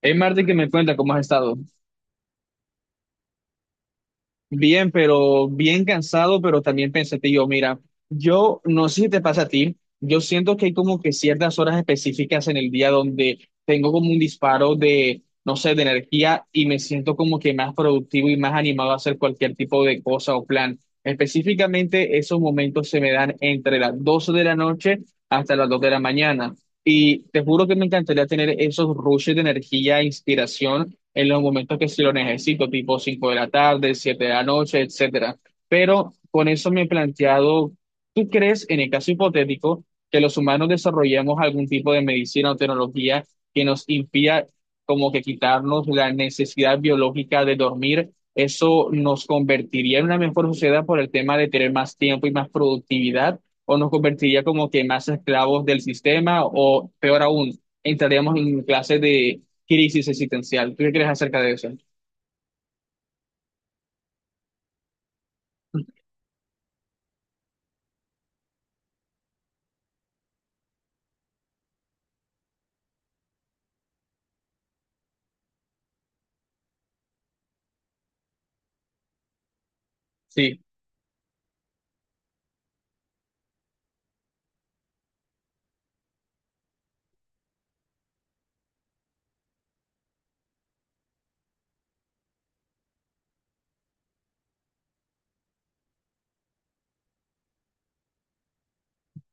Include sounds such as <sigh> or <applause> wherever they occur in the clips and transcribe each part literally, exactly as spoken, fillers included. Hey Martín, que me cuenta cómo has estado. Bien, pero bien cansado, pero también pensativo. Mira, yo no sé si te pasa a ti, yo siento que hay como que ciertas horas específicas en el día donde tengo como un disparo de, no sé, de energía y me siento como que más productivo y más animado a hacer cualquier tipo de cosa o plan. Específicamente, esos momentos se me dan entre las doce de la noche hasta las dos de la mañana. Y te juro que me encantaría tener esos rushes de energía e inspiración en los momentos que sí lo necesito, tipo cinco de la tarde, siete de la noche, etcétera. Pero con eso me he planteado, ¿tú crees en el caso hipotético que los humanos desarrollemos algún tipo de medicina o tecnología que nos impida como que quitarnos la necesidad biológica de dormir? ¿Eso nos convertiría en una mejor sociedad por el tema de tener más tiempo y más productividad? ¿O nos convertiría como que más esclavos del sistema? O peor aún, entraríamos en clases de crisis existencial. ¿Tú qué crees acerca de eso? Sí,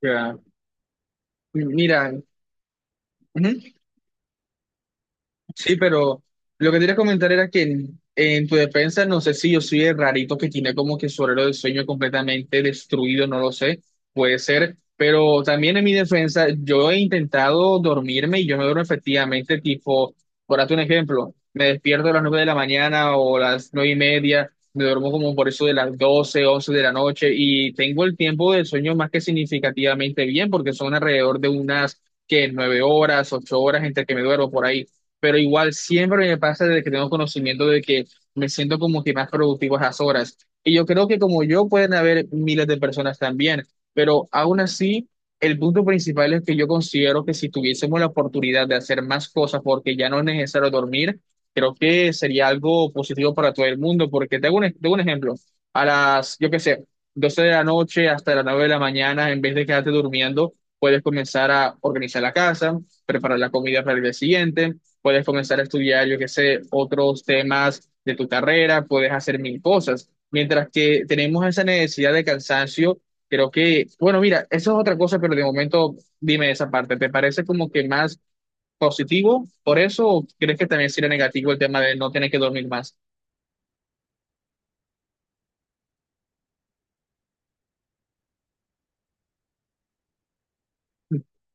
ya. Mira, ujú. Sí, pero lo que quería comentar era que en, en tu defensa, no sé si yo soy el rarito que tiene como que su horario de sueño completamente destruido, no lo sé, puede ser, pero también en mi defensa, yo he intentado dormirme y yo me duermo efectivamente, tipo, por darte un ejemplo, me despierto a las nueve de la mañana o las nueve y media, me duermo como por eso de las doce, once de la noche y tengo el tiempo de sueño más que significativamente bien porque son alrededor de unas, que nueve horas, ocho horas entre que me duermo por ahí pero igual siempre me pasa de que tengo conocimiento de que me siento como que más productivo a esas horas. Y yo creo que como yo pueden haber miles de personas también, pero aún así, el punto principal es que yo considero que si tuviésemos la oportunidad de hacer más cosas porque ya no es necesario dormir, creo que sería algo positivo para todo el mundo, porque te hago un, te hago un ejemplo, a las, yo qué sé, doce de la noche hasta las nueve de la mañana, en vez de quedarte durmiendo, puedes comenzar a organizar la casa, preparar la comida para el día siguiente puedes comenzar a estudiar, yo qué sé, otros temas de tu carrera, puedes hacer mil cosas. Mientras que tenemos esa necesidad de cansancio, creo que, bueno, mira, eso es otra cosa, pero de momento dime esa parte, ¿te parece como que más positivo por eso o crees que también sería negativo el tema de no tener que dormir más? <laughs>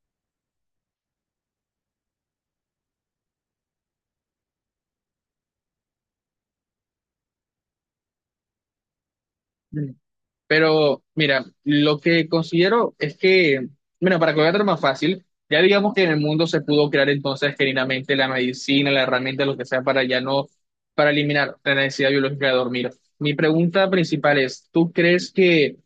Pero mira, lo que considero es que, bueno, para que lo veas más fácil, ya digamos que en el mundo se pudo crear entonces genuinamente la medicina, la herramienta, lo que sea, para ya no, para eliminar la necesidad biológica de dormir. Mi pregunta principal es, ¿tú crees que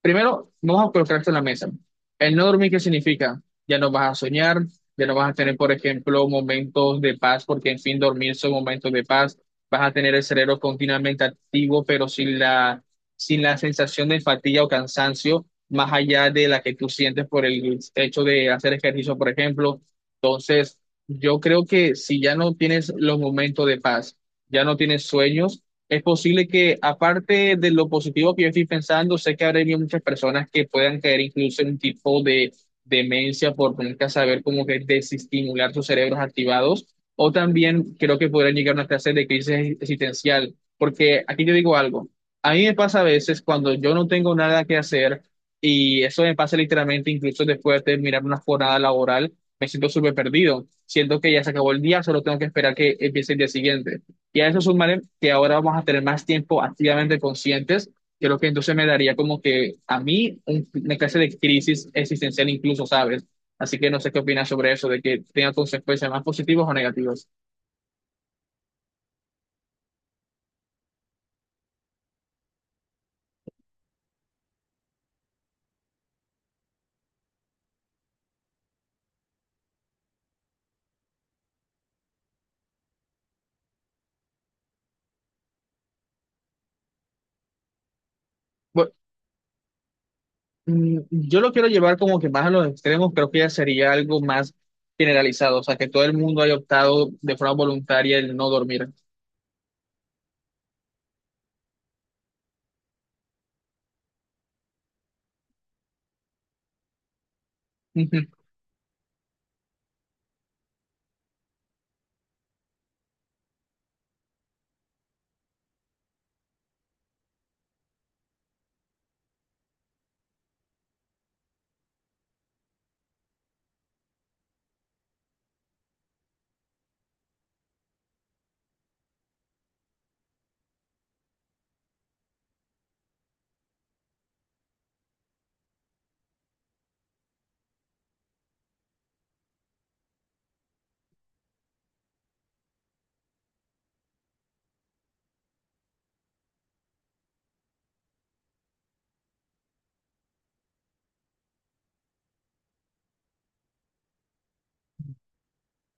Primero, vamos a colocarte en la mesa. El no dormir, ¿qué significa? Ya no vas a soñar, ya no vas a tener, por ejemplo, momentos de paz, porque en fin, dormir son momentos de paz. Vas a tener el cerebro continuamente activo, pero sin la, sin la sensación de fatiga o cansancio, más allá de la que tú sientes por el hecho de hacer ejercicio, por ejemplo. Entonces, yo creo que si ya no tienes los momentos de paz, ya no tienes sueños, es posible que, aparte de lo positivo que yo estoy pensando, sé que habrá habido muchas personas que puedan caer incluso en un tipo de demencia por nunca saber cómo que desestimular sus cerebros activados, o también creo que podrán llegar a una clase de crisis existencial, porque aquí te digo algo, a mí me pasa a veces cuando yo no tengo nada que hacer, y eso me pasa literalmente incluso después de terminar una jornada laboral, me siento súper perdido, siento que ya se acabó el día, solo tengo que esperar que empiece el día siguiente. Y a eso sumaré que ahora vamos a tener más tiempo activamente conscientes. Creo que entonces me daría como que a mí un- una clase de crisis existencial incluso, ¿sabes? Así que no sé qué opinas sobre eso, de que tenga consecuencias más positivas o negativas. Bueno, mm, yo lo quiero llevar como que más a los extremos, creo que ya sería algo más generalizado, o sea, que todo el mundo haya optado de forma voluntaria el no dormir. <laughs>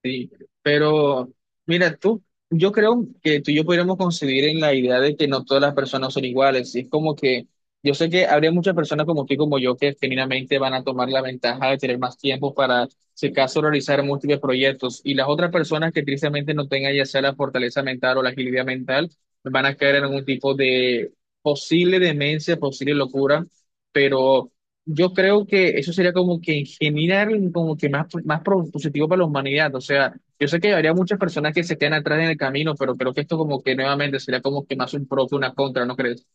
Sí, pero mira tú, yo creo que tú y yo podríamos coincidir en la idea de que no todas las personas son iguales. Y es como que yo sé que habría muchas personas como tú y como yo que genuinamente van a tomar la ventaja de tener más tiempo para, si acaso, realizar múltiples proyectos. Y las otras personas que tristemente no tengan ya sea la fortaleza mental o la agilidad mental, van a caer en algún tipo de posible demencia, posible locura. Pero yo creo que eso sería como que en general, como que más, más pro- positivo para la humanidad. O sea, yo sé que habría muchas personas que se quedan atrás en el camino, pero creo que esto como que nuevamente sería como que más un pro que una contra, ¿no crees?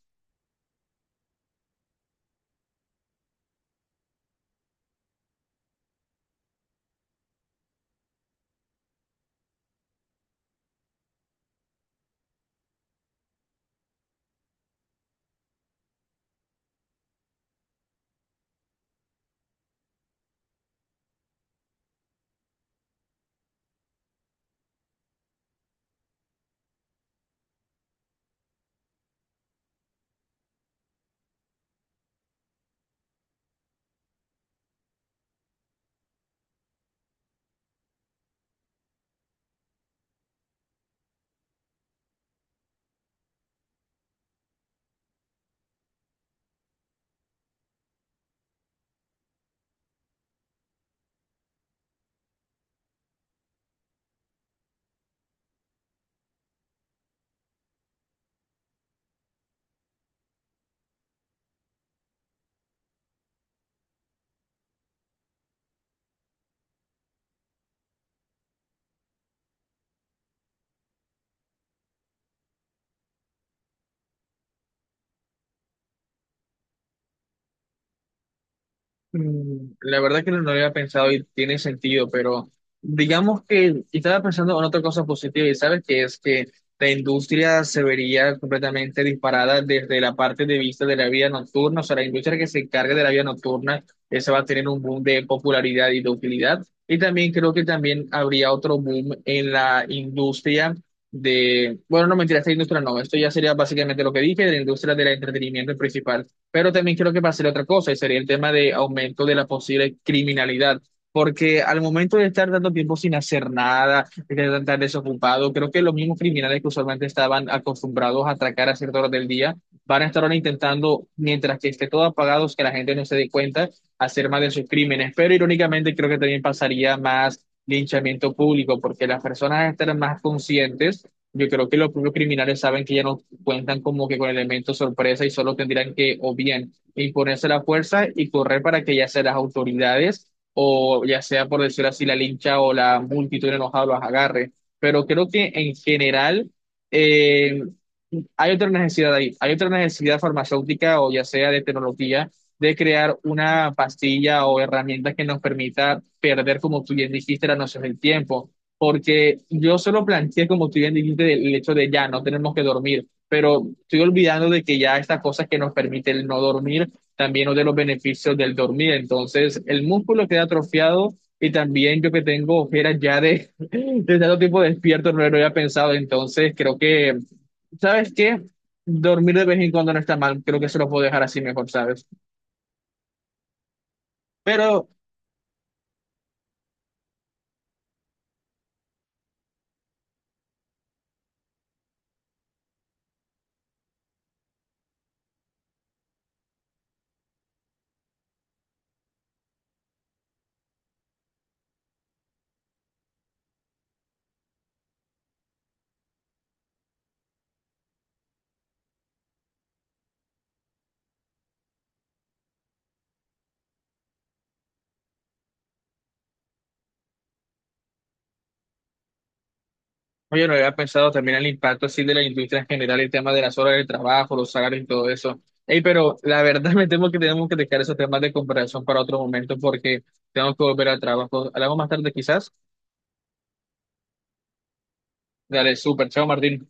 Mm, La verdad que no no lo había pensado y tiene sentido, pero digamos que y estaba pensando en otra cosa positiva y sabes que es que la industria se vería completamente disparada desde la parte de vista de la vida nocturna, o sea, la industria que se encargue de la vida nocturna, esa va a tener un boom de popularidad y de utilidad. Y también creo que también habría otro boom en la industria de, bueno, no mentira, esta industria no, esto ya sería básicamente lo que dije, de la industria del entretenimiento principal pero también creo que pasaría otra cosa, y sería el tema de aumento de la posible criminalidad. Porque al momento de estar tanto tiempo sin hacer nada, de estar tan desocupado, creo que los mismos criminales que usualmente estaban acostumbrados a atracar a cierta hora del día, van a estar ahora intentando, mientras que esté todo apagado, que la gente no se dé cuenta, hacer más de sus crímenes. Pero irónicamente creo que también pasaría más linchamiento público, porque las personas estarán más conscientes. Yo creo que los propios criminales saben que ya no cuentan como que con elementos sorpresa y solo tendrían que o bien imponerse la fuerza y correr para que ya sea las autoridades o ya sea por decir así la lincha o la multitud enojada los agarre. Pero creo que en general eh, hay otra necesidad ahí, hay otra necesidad farmacéutica o ya sea de tecnología de crear una pastilla o herramienta que nos permita perder, como tú bien dijiste, la noción del tiempo porque yo solo planteé, como tú bien dijiste, el hecho de ya no tenemos que dormir, pero estoy olvidando de que ya estas cosas que nos permite el no dormir, también uno de los beneficios del dormir. Entonces, el músculo queda atrofiado y también yo que tengo ojeras ya de, <laughs> de tanto tiempo despierto, no lo había pensado. Entonces, creo que, ¿sabes qué? Dormir de vez en cuando no está mal, creo que se lo puedo dejar así mejor, ¿sabes? Pero oye, no había pensado también el impacto así de la industria en general, el tema de las horas de trabajo, los salarios y todo eso. Ey, pero la <laughs> verdad me temo que tenemos que dejar esos temas de comparación para otro momento porque tengo que volver al trabajo. Hablamos más tarde quizás. Dale, súper. Chao, Martín.